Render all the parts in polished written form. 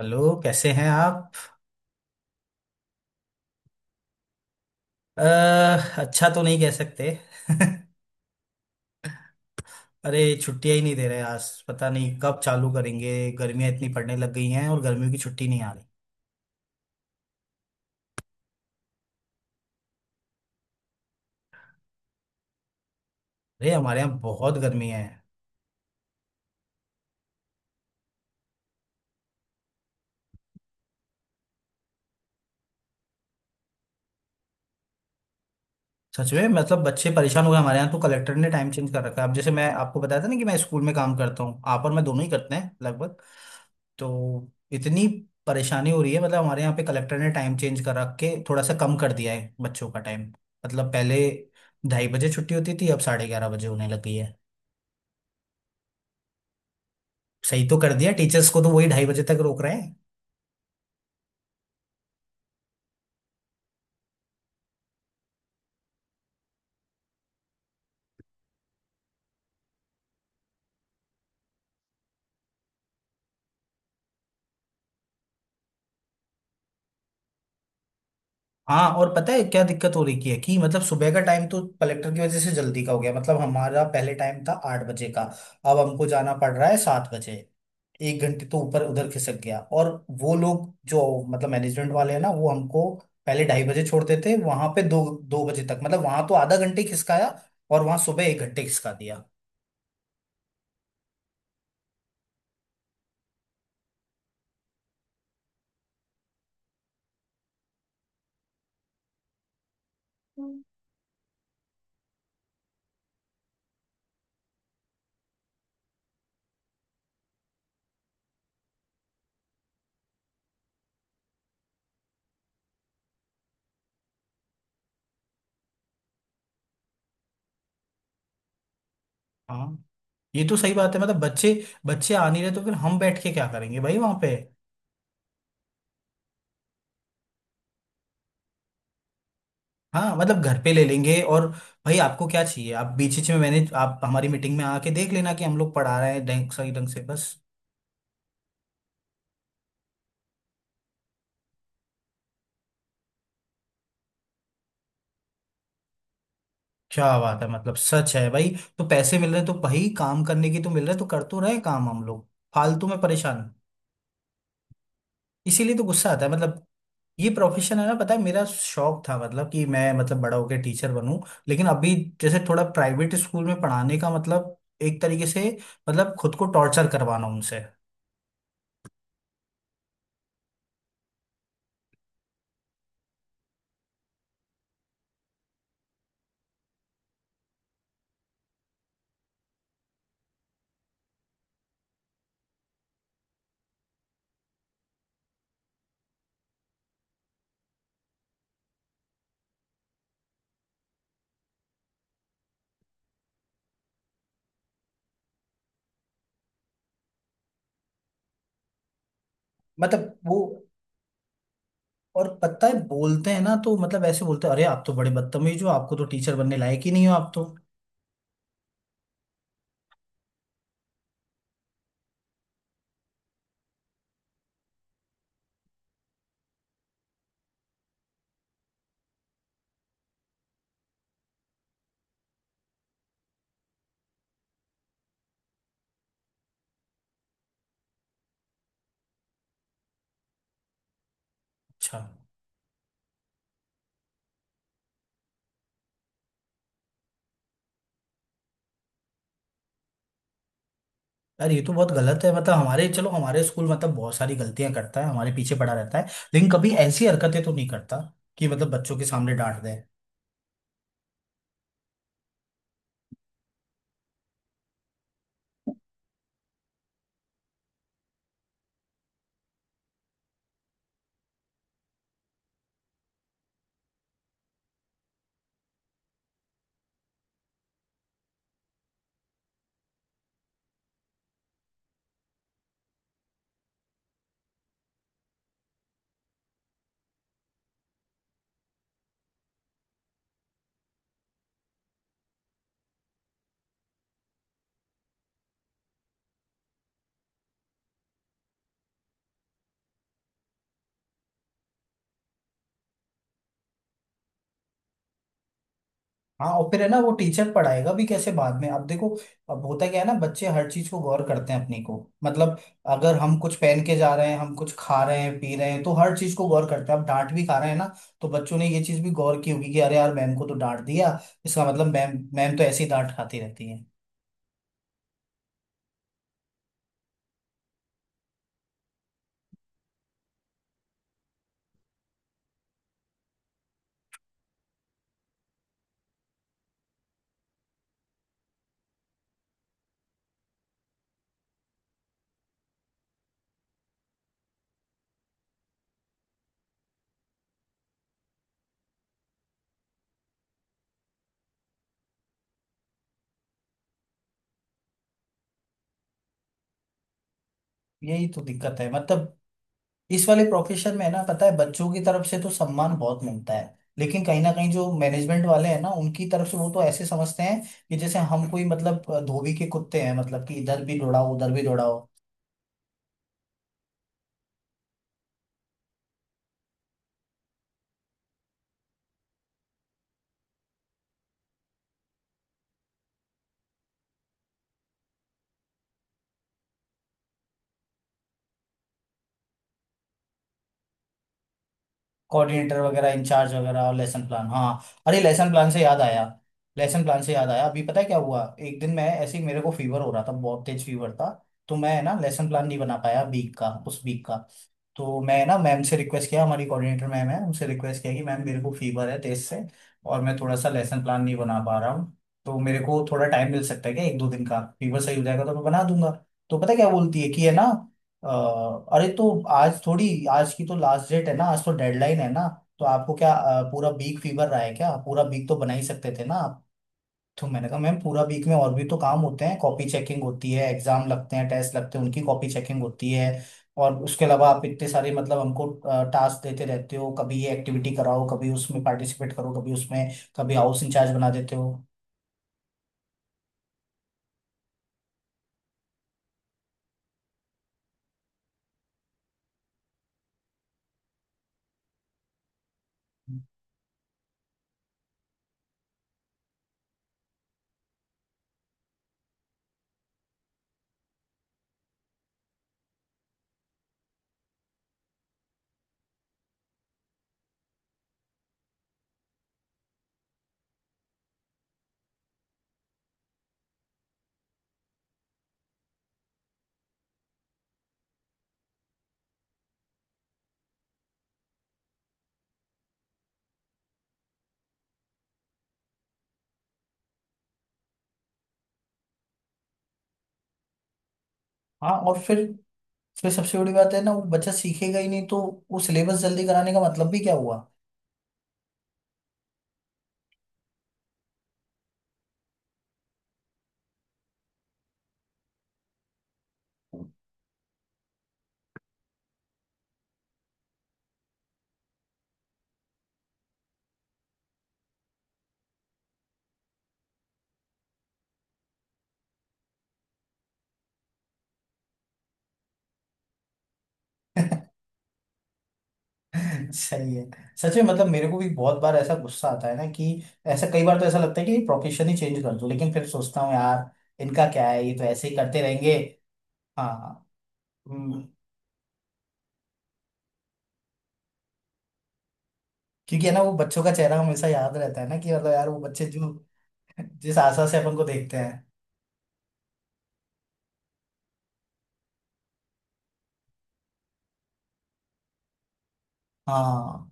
Hello. कैसे हैं आप? अ, अच्छा तो नहीं कह सकते। अरे छुट्टियां ही नहीं दे रहे। आज पता नहीं कब चालू करेंगे। गर्मियां इतनी पड़ने लग गई हैं और गर्मियों की छुट्टी नहीं आ रही। अरे हमारे यहाँ बहुत गर्मी है। सच में मतलब बच्चे परेशान हो गए। हमारे यहाँ तो कलेक्टर ने टाइम चेंज कर रखा है। अब जैसे मैं आपको बताया था ना कि मैं स्कूल में काम करता हूँ, आप और मैं दोनों ही करते हैं लगभग। तो इतनी परेशानी हो रही है। मतलब हमारे यहाँ पे कलेक्टर ने टाइम चेंज कर रख के थोड़ा सा कम कर दिया है बच्चों का टाइम। मतलब पहले 2:30 बजे छुट्टी होती थी, अब 11:30 बजे होने लगी है। सही तो कर दिया, टीचर्स को तो वही 2:30 बजे तक रोक रहे हैं। हाँ और पता है क्या दिक्कत हो रही की है कि मतलब सुबह का टाइम तो कलेक्टर की वजह से जल्दी का हो गया। मतलब हमारा पहले टाइम था 8 बजे का, अब हमको जाना पड़ रहा है 7 बजे। एक घंटे तो ऊपर उधर खिसक गया। और वो लोग जो मतलब मैनेजमेंट वाले हैं ना, वो हमको पहले 2:30 बजे छोड़ देते हैं, वहां पे दो 2 बजे तक। मतलब वहां तो आधा घंटे खिसकाया और वहां सुबह 1 घंटे खिसका दिया। हाँ, ये तो सही बात है। मतलब बच्चे बच्चे आ नहीं रहे तो फिर हम बैठ के क्या करेंगे भाई वहां पे। हाँ, मतलब घर पे ले लेंगे। और भाई आपको क्या चाहिए, आप बीच बीच में मैंने आप हमारी मीटिंग में आके देख लेना कि हम लोग पढ़ा रहे हैं ढंग, सही ढंग से बस। क्या बात है, मतलब सच है भाई। तो पैसे मिल रहे हैं तो भाई काम करने की तो मिल रहे हैं, तो कर तो रहे काम हम लोग। फालतू में परेशान। इसीलिए तो गुस्सा आता है मतलब। ये प्रोफेशन है ना, पता है मेरा शौक था मतलब कि मैं मतलब बड़ा होकर टीचर बनूं। लेकिन अभी जैसे थोड़ा प्राइवेट स्कूल में पढ़ाने का मतलब, एक तरीके से मतलब खुद को टॉर्चर करवाना उनसे। मतलब वो और पता है बोलते हैं ना तो मतलब ऐसे बोलते हैं, अरे आप तो बड़े बदतमीज हो, आपको तो टीचर बनने लायक ही नहीं, हो आप तो। अच्छा। यार ये तो बहुत गलत है। मतलब हमारे, चलो हमारे स्कूल मतलब बहुत सारी गलतियां करता है, हमारे पीछे पड़ा रहता है, लेकिन कभी ऐसी हरकतें तो नहीं करता कि मतलब बच्चों के सामने डांट दे। हाँ, और फिर है ना, वो टीचर पढ़ाएगा भी कैसे बाद में? अब देखो, अब होता क्या है ना, बच्चे हर चीज को गौर करते हैं अपनी को। मतलब अगर हम कुछ पहन के जा रहे हैं, हम कुछ खा रहे हैं, पी रहे हैं, तो हर चीज को गौर करते हैं। अब डांट भी खा रहे हैं ना, तो बच्चों ने ये चीज भी गौर की होगी कि अरे यार, मैम को तो डांट दिया। इसका मतलब मैम मैम तो ऐसे ही डांट खाती रहती है। यही तो दिक्कत है। मतलब इस वाले प्रोफेशन में ना पता है, बच्चों की तरफ से तो सम्मान बहुत मिलता है, लेकिन कहीं ना कहीं जो मैनेजमेंट वाले हैं ना, उनकी तरफ से वो तो ऐसे समझते हैं कि जैसे हम कोई मतलब धोबी के कुत्ते हैं। मतलब कि इधर भी दौड़ाओ, उधर भी दौड़ाओ। कोऑर्डिनेटर वगैरह, इंचार्ज वगैरह, और लेसन प्लान, हाँ। अरे लेसन प्लान से याद आया। अभी पता है क्या हुआ, एक दिन मैं ऐसे ही, मेरे को फीवर हो रहा था, बहुत तेज फीवर था। तो मैं ना लेसन प्लान नहीं बना पाया वीक का, उस वीक का। तो मैं ना मैम से रिक्वेस्ट किया, हमारी कोऑर्डिनेटर मैम है, उनसे रिक्वेस्ट किया कि मैम मेरे को फीवर है तेज से, और मैं थोड़ा सा लेसन प्लान नहीं बना पा रहा हूँ, तो मेरे को थोड़ा टाइम मिल सकता है क्या? एक दो दिन का, फीवर सही हो जाएगा तो मैं बना दूंगा। तो पता है क्या बोलती है कि है ना, अरे तो आज थोड़ी, आज की तो लास्ट डेट है ना, आज तो डेडलाइन है ना। तो आपको क्या पूरा वीक फीवर रहा है क्या? पूरा वीक तो बना ही सकते थे ना। तो मैंने कहा मैम, पूरा वीक में और भी तो काम होते हैं, कॉपी चेकिंग होती है, एग्जाम लगते हैं, टेस्ट लगते हैं, उनकी कॉपी चेकिंग होती है, और उसके अलावा आप इतने सारे मतलब हमको टास्क देते रहते हो, कभी ये एक्टिविटी कराओ, कभी उसमें पार्टिसिपेट करो, कभी उसमें, कभी हाउस इंचार्ज बना देते हो। हाँ और फिर सबसे बड़ी बात है ना, वो बच्चा सीखेगा ही नहीं तो वो सिलेबस जल्दी कराने का मतलब भी क्या हुआ? सही है। सच में मतलब मेरे को भी बहुत बार ऐसा गुस्सा आता है ना कि ऐसा, कई बार तो ऐसा लगता है कि प्रोफेशन ही चेंज कर दूं, लेकिन फिर सोचता हूँ यार, इनका क्या है, ये तो ऐसे ही करते रहेंगे। हाँ। हम्म। क्योंकि है ना, वो बच्चों का चेहरा हमेशा याद रहता है ना कि मतलब यार, वो बच्चे जो जिस आशा से अपन को देखते हैं। हाँ।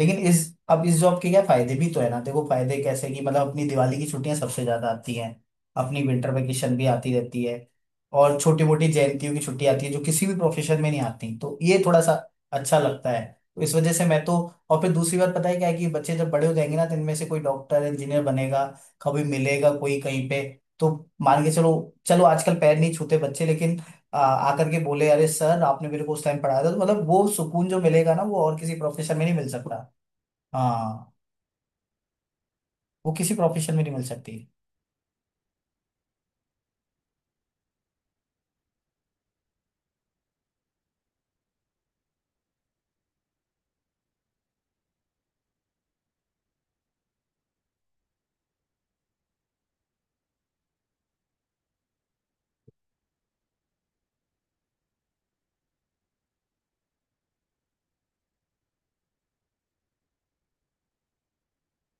लेकिन इस, अब इस जॉब के क्या फायदे भी तो है ना। देखो फायदे कैसे कि मतलब अपनी दिवाली की छुट्टियां सबसे ज्यादा आती हैं, अपनी विंटर वेकेशन भी आती रहती है, और छोटी मोटी जयंतियों की छुट्टी आती है जो किसी भी प्रोफेशन में नहीं आती। तो ये थोड़ा सा अच्छा लगता है। तो इस वजह से मैं तो, और फिर दूसरी बात पता है क्या है, कि बच्चे जब बड़े हो जाएंगे ना, तो इनमें से कोई डॉक्टर, इंजीनियर बनेगा, कभी मिलेगा कोई कहीं पे। तो मान के चलो, चलो आजकल पैर नहीं छूते बच्चे, लेकिन आकर के बोले अरे सर, आपने मेरे को उस टाइम पढ़ाया था, तो मतलब वो सुकून जो मिलेगा ना, वो और किसी प्रोफेशन में नहीं मिल सकता। हाँ, वो किसी प्रोफेशन में नहीं मिल सकती।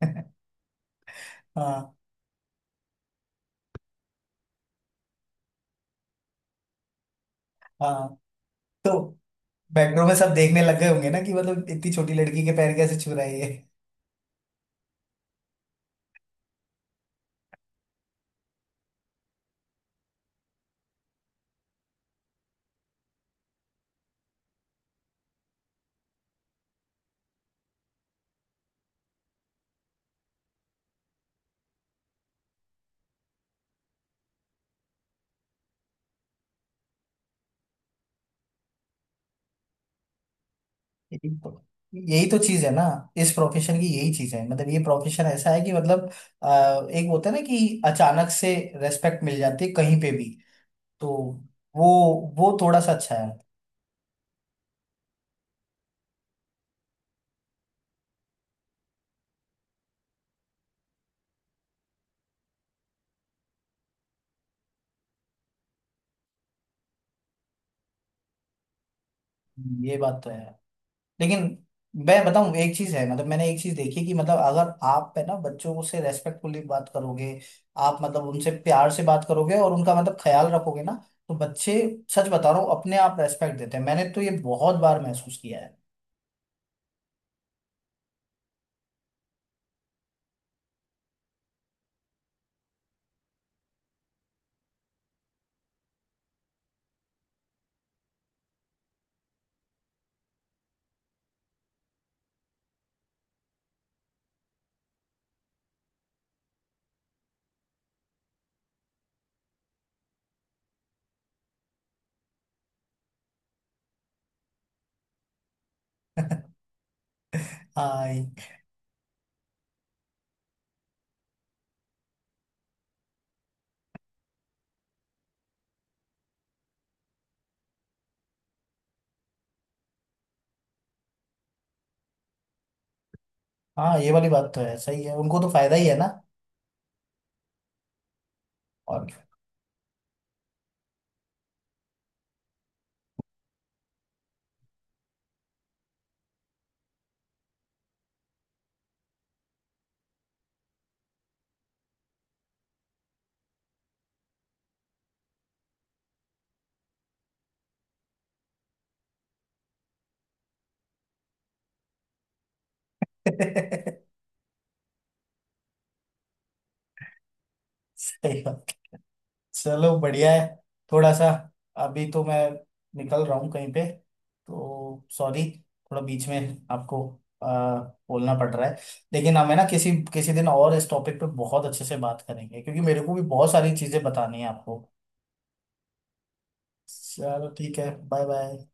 हाँ हाँ, तो मेट्रो में सब देखने लग गए होंगे ना कि मतलब इतनी छोटी लड़की के पैर कैसे छू रहा है ये। यही तो यही तो चीज है ना, इस प्रोफेशन की यही चीज है। मतलब ये प्रोफेशन ऐसा है कि मतलब एक होता है ना कि अचानक से रेस्पेक्ट मिल जाती है कहीं पे भी। तो वो वो थोड़ा सा अच्छा है। ये बात तो है। लेकिन मैं बताऊं एक चीज है, मतलब मैंने एक चीज देखी कि मतलब अगर आप है ना बच्चों से रेस्पेक्टफुली बात करोगे, आप मतलब उनसे प्यार से बात करोगे और उनका मतलब ख्याल रखोगे ना, तो बच्चे, सच बता रहा हूँ, अपने आप रेस्पेक्ट देते हैं। मैंने तो ये बहुत बार महसूस किया है। हाँ ये- हाँ ये वाली बात तो है, सही है, उनको तो फायदा ही है ना। और क्या? सही बात। चलो बढ़िया है। थोड़ा सा, अभी तो मैं निकल रहा हूँ कहीं पे, तो सॉरी, थोड़ा बीच में आपको आ, बोलना पड़ रहा है, लेकिन हमें ना किसी किसी दिन और इस टॉपिक पे बहुत अच्छे से बात करेंगे, क्योंकि मेरे को भी बहुत सारी चीजें बतानी है आपको। चलो ठीक है, बाय बाय।